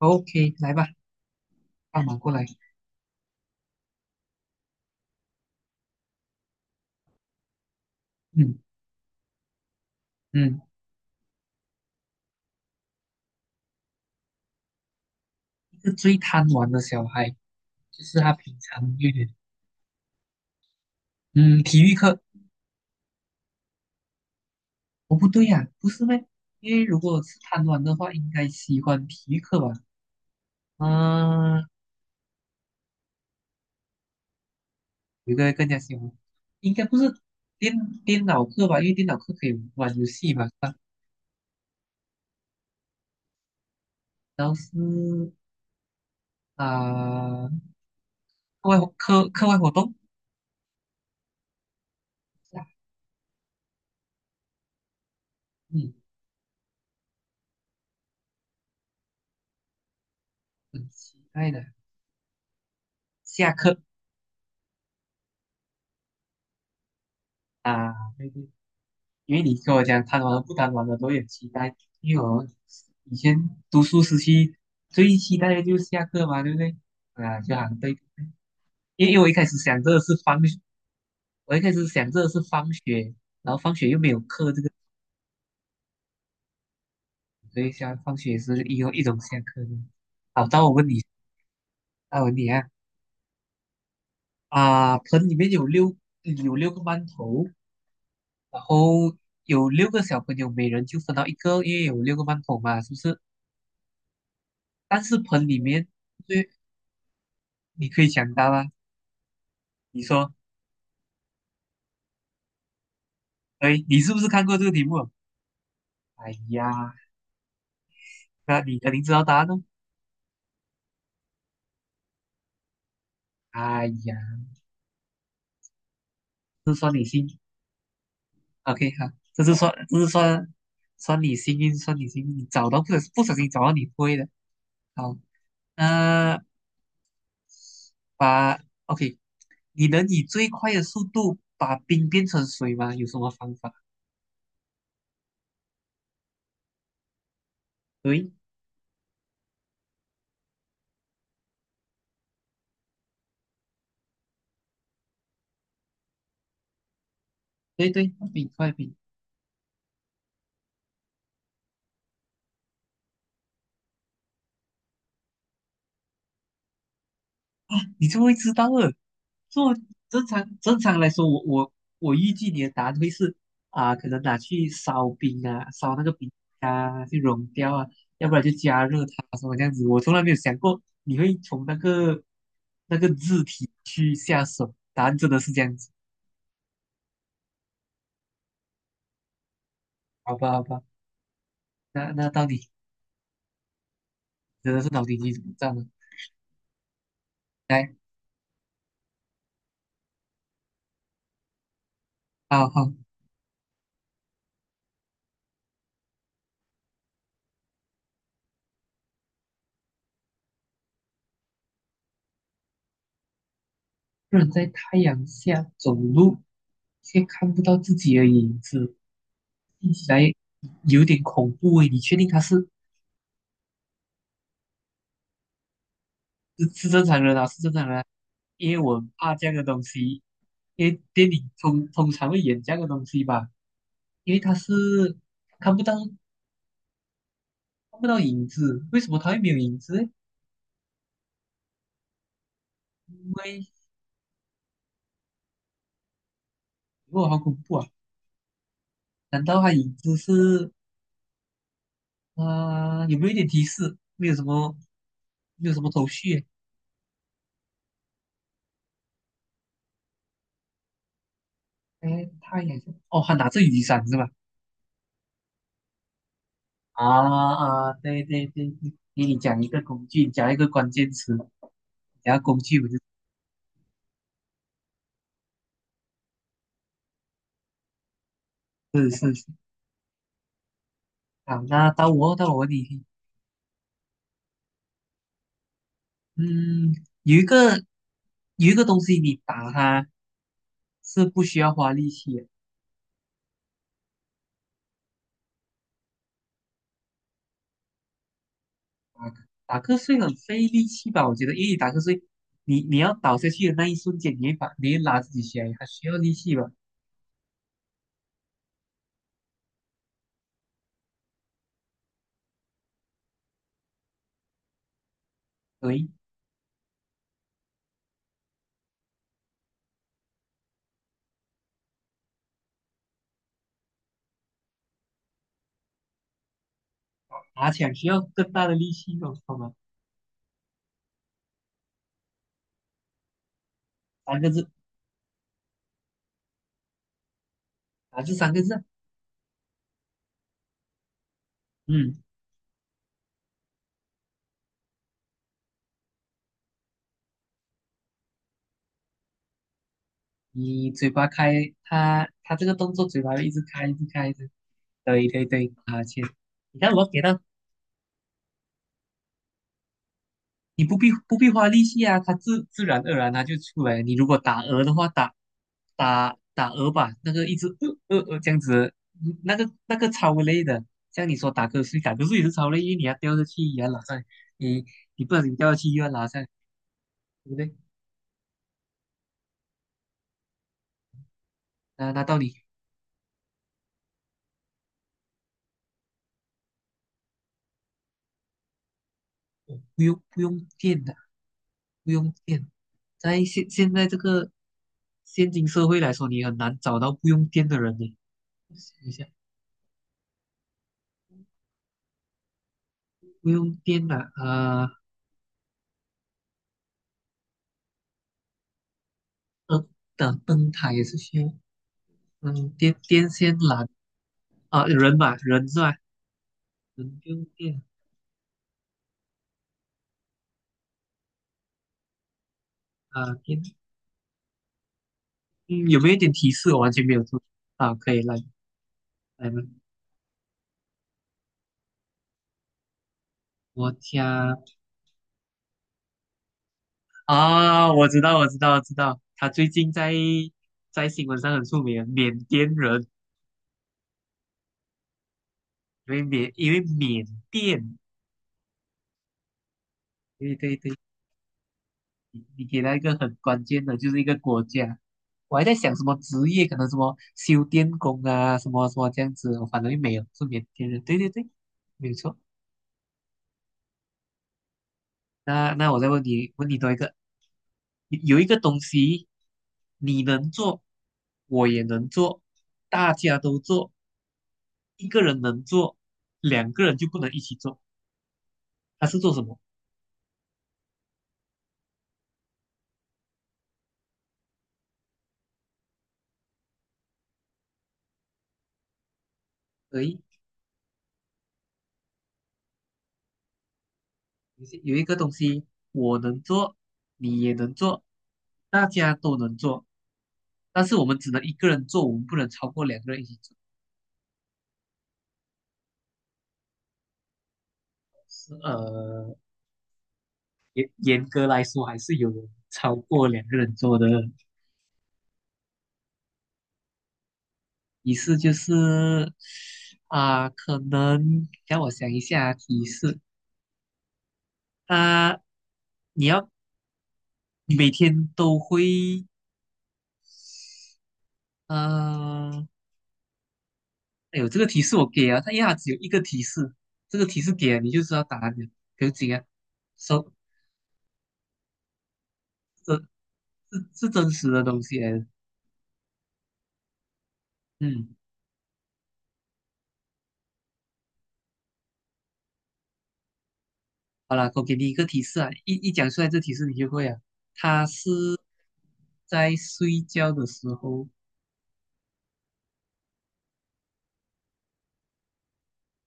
OK，来吧，放马过来。嗯嗯，一个最贪玩的小孩，就是他平常有点，嗯，体育课，哦不对呀、不是咩？因为如果是贪玩的话，应该喜欢体育课吧？嗯、有个更加喜欢，应该不是电电脑课吧？因为电脑课可以玩游戏嘛，是吧？然后是啊、课外活动，是啊嗯，很期待的。下课啊，对对，因为你跟我讲贪玩和不贪玩的都有期待，因为我以前读书时期最期待的就是下课嘛，对不对？啊，就好像对，因为我一开始想这个是放，我一开始想这个是放学，然后放学又没有课这个，所以下放学也是一种下课的。好，到我问你，到我问你啊，啊，盆里面有六个馒头，然后有六个小朋友，每人就分到一个，因为有六个馒头嘛，是不是？但是盆里面。最你可以抢答啊！你说，哎，你是不是看过这个题目？哎呀，那你肯定知道答案哦。哎呀，这是算你幸，OK 好，这是算，这是算，算你幸运，算你幸运，你找到不小心找到你会的。好，那把 OK，你能以最快的速度把冰变成水吗？有什么方法？对，对对，冰快冰，你就会知道了。做正常来说，我预计你的答案会是啊、可能拿去烧冰啊，烧那个冰啊，去融掉啊，要不然就加热它什么这样子。我从来没有想过你会从那个那个字体去下手，答案真的是这样子，好吧好吧，那那到底真的是脑筋急转弯了。来，好好，不能在太阳下走路，却看不到自己的影子，听起来有点恐怖诶，你确定它是？是是正常人啊，是正常人啊，因为我怕这样的东西，因为电影通常会演这样的东西吧，因为他是看不到看不到影子，为什么他会没有影子呢？因为哇，好恐怖啊！难道他影子是啊、有没有一点提示？没有什么，没有什么头绪耶。他太阳哦，他拿着雨伞是吧？啊啊，对对对，给你你讲一个工具，你讲一个关键词，讲个工具我就。是是好，那到我问你一题，嗯，有一个有一个东西你打它是不需要花力气的，打打瞌睡很费力气吧？我觉得，因为你打瞌睡，你要倒下去的那一瞬间，你会把你会拉自己起来，还需要力气吧？对，以爬起来需要更大的力气哦，好吗？三个字，打字三个字啊嗯，你嘴巴开，它它这个动作嘴巴会一直开，一直开，一直，对对对，爬起来你看我给到你不必花力气啊，它自自然而然它就出来。你如果打鹅的话，打鹅吧，那个一直这样子，嗯那个那个超累的。像你说打瞌睡，打瞌睡也是超累，因为你要掉下去也要拉上来，你你不然你掉下去又要拉上来，对不对？那那到底不用电的，不用电。在现在这个现今社会来说，你很难找到不用电的人呢。想一下，不用电的，灯的灯塔也是需要。嗯，电电痫懒啊，人嘛，人是吧？人跟电啊电嗯，有没有一点提示？我完全没有做啊，可以来来吧。我家啊，我知道，他最近在在新闻上很出名，缅甸人，因为缅甸，对对对，你你给他一个很关键的，就是一个国家。我还在想什么职业，可能什么修电工啊，什么什么这样子，我反正没有，是缅甸人，对对对，没有错。那那我再问你，问你多一个，有一个东西你能做，我也能做，大家都做，一个人能做，两个人就不能一起做，他是做什么？可以有些有一个东西我能做，你也能做，大家都能做，但是我们只能一个人做，我们不能超过两个人一起做。是严格来说还是有超过两个人做的。提示就是啊、可能让我想一下提示。啊，你要你每天都会呃，哎呦，这个提示我给啊，它一下它只有一个提示，这个提示给了你就知道答案了，不用紧啊。说这是真实的东西来的嗯，好了，我给你一个提示啊，一讲出来这提示你就会啊。它是在睡觉的时候，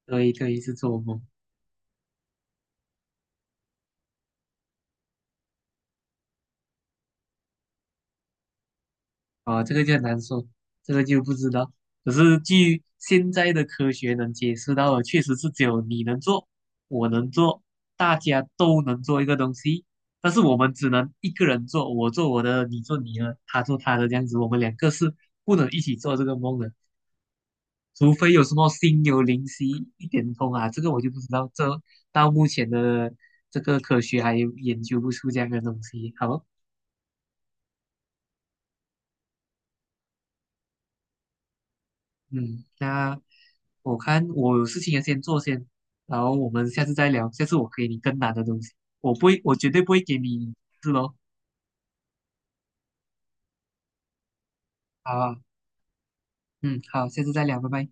对对，是做梦。啊，这个就很难说，这个就不知道。可是据现在的科学能解释到的，确实是只有你能做，我能做，大家都能做一个东西，但是我们只能一个人做，我做我的，你做你的，他做他的，这样子，我们两个是不能一起做这个梦的，除非有什么心有灵犀一点通啊，这个我就不知道，这到目前的这个科学还研究不出这样的东西，好。嗯，那我看我有事情要先做先，然后我们下次再聊。下次我给你更难的东西，我不会，我绝对不会给你是咯。好啊，嗯，好，下次再聊，拜拜。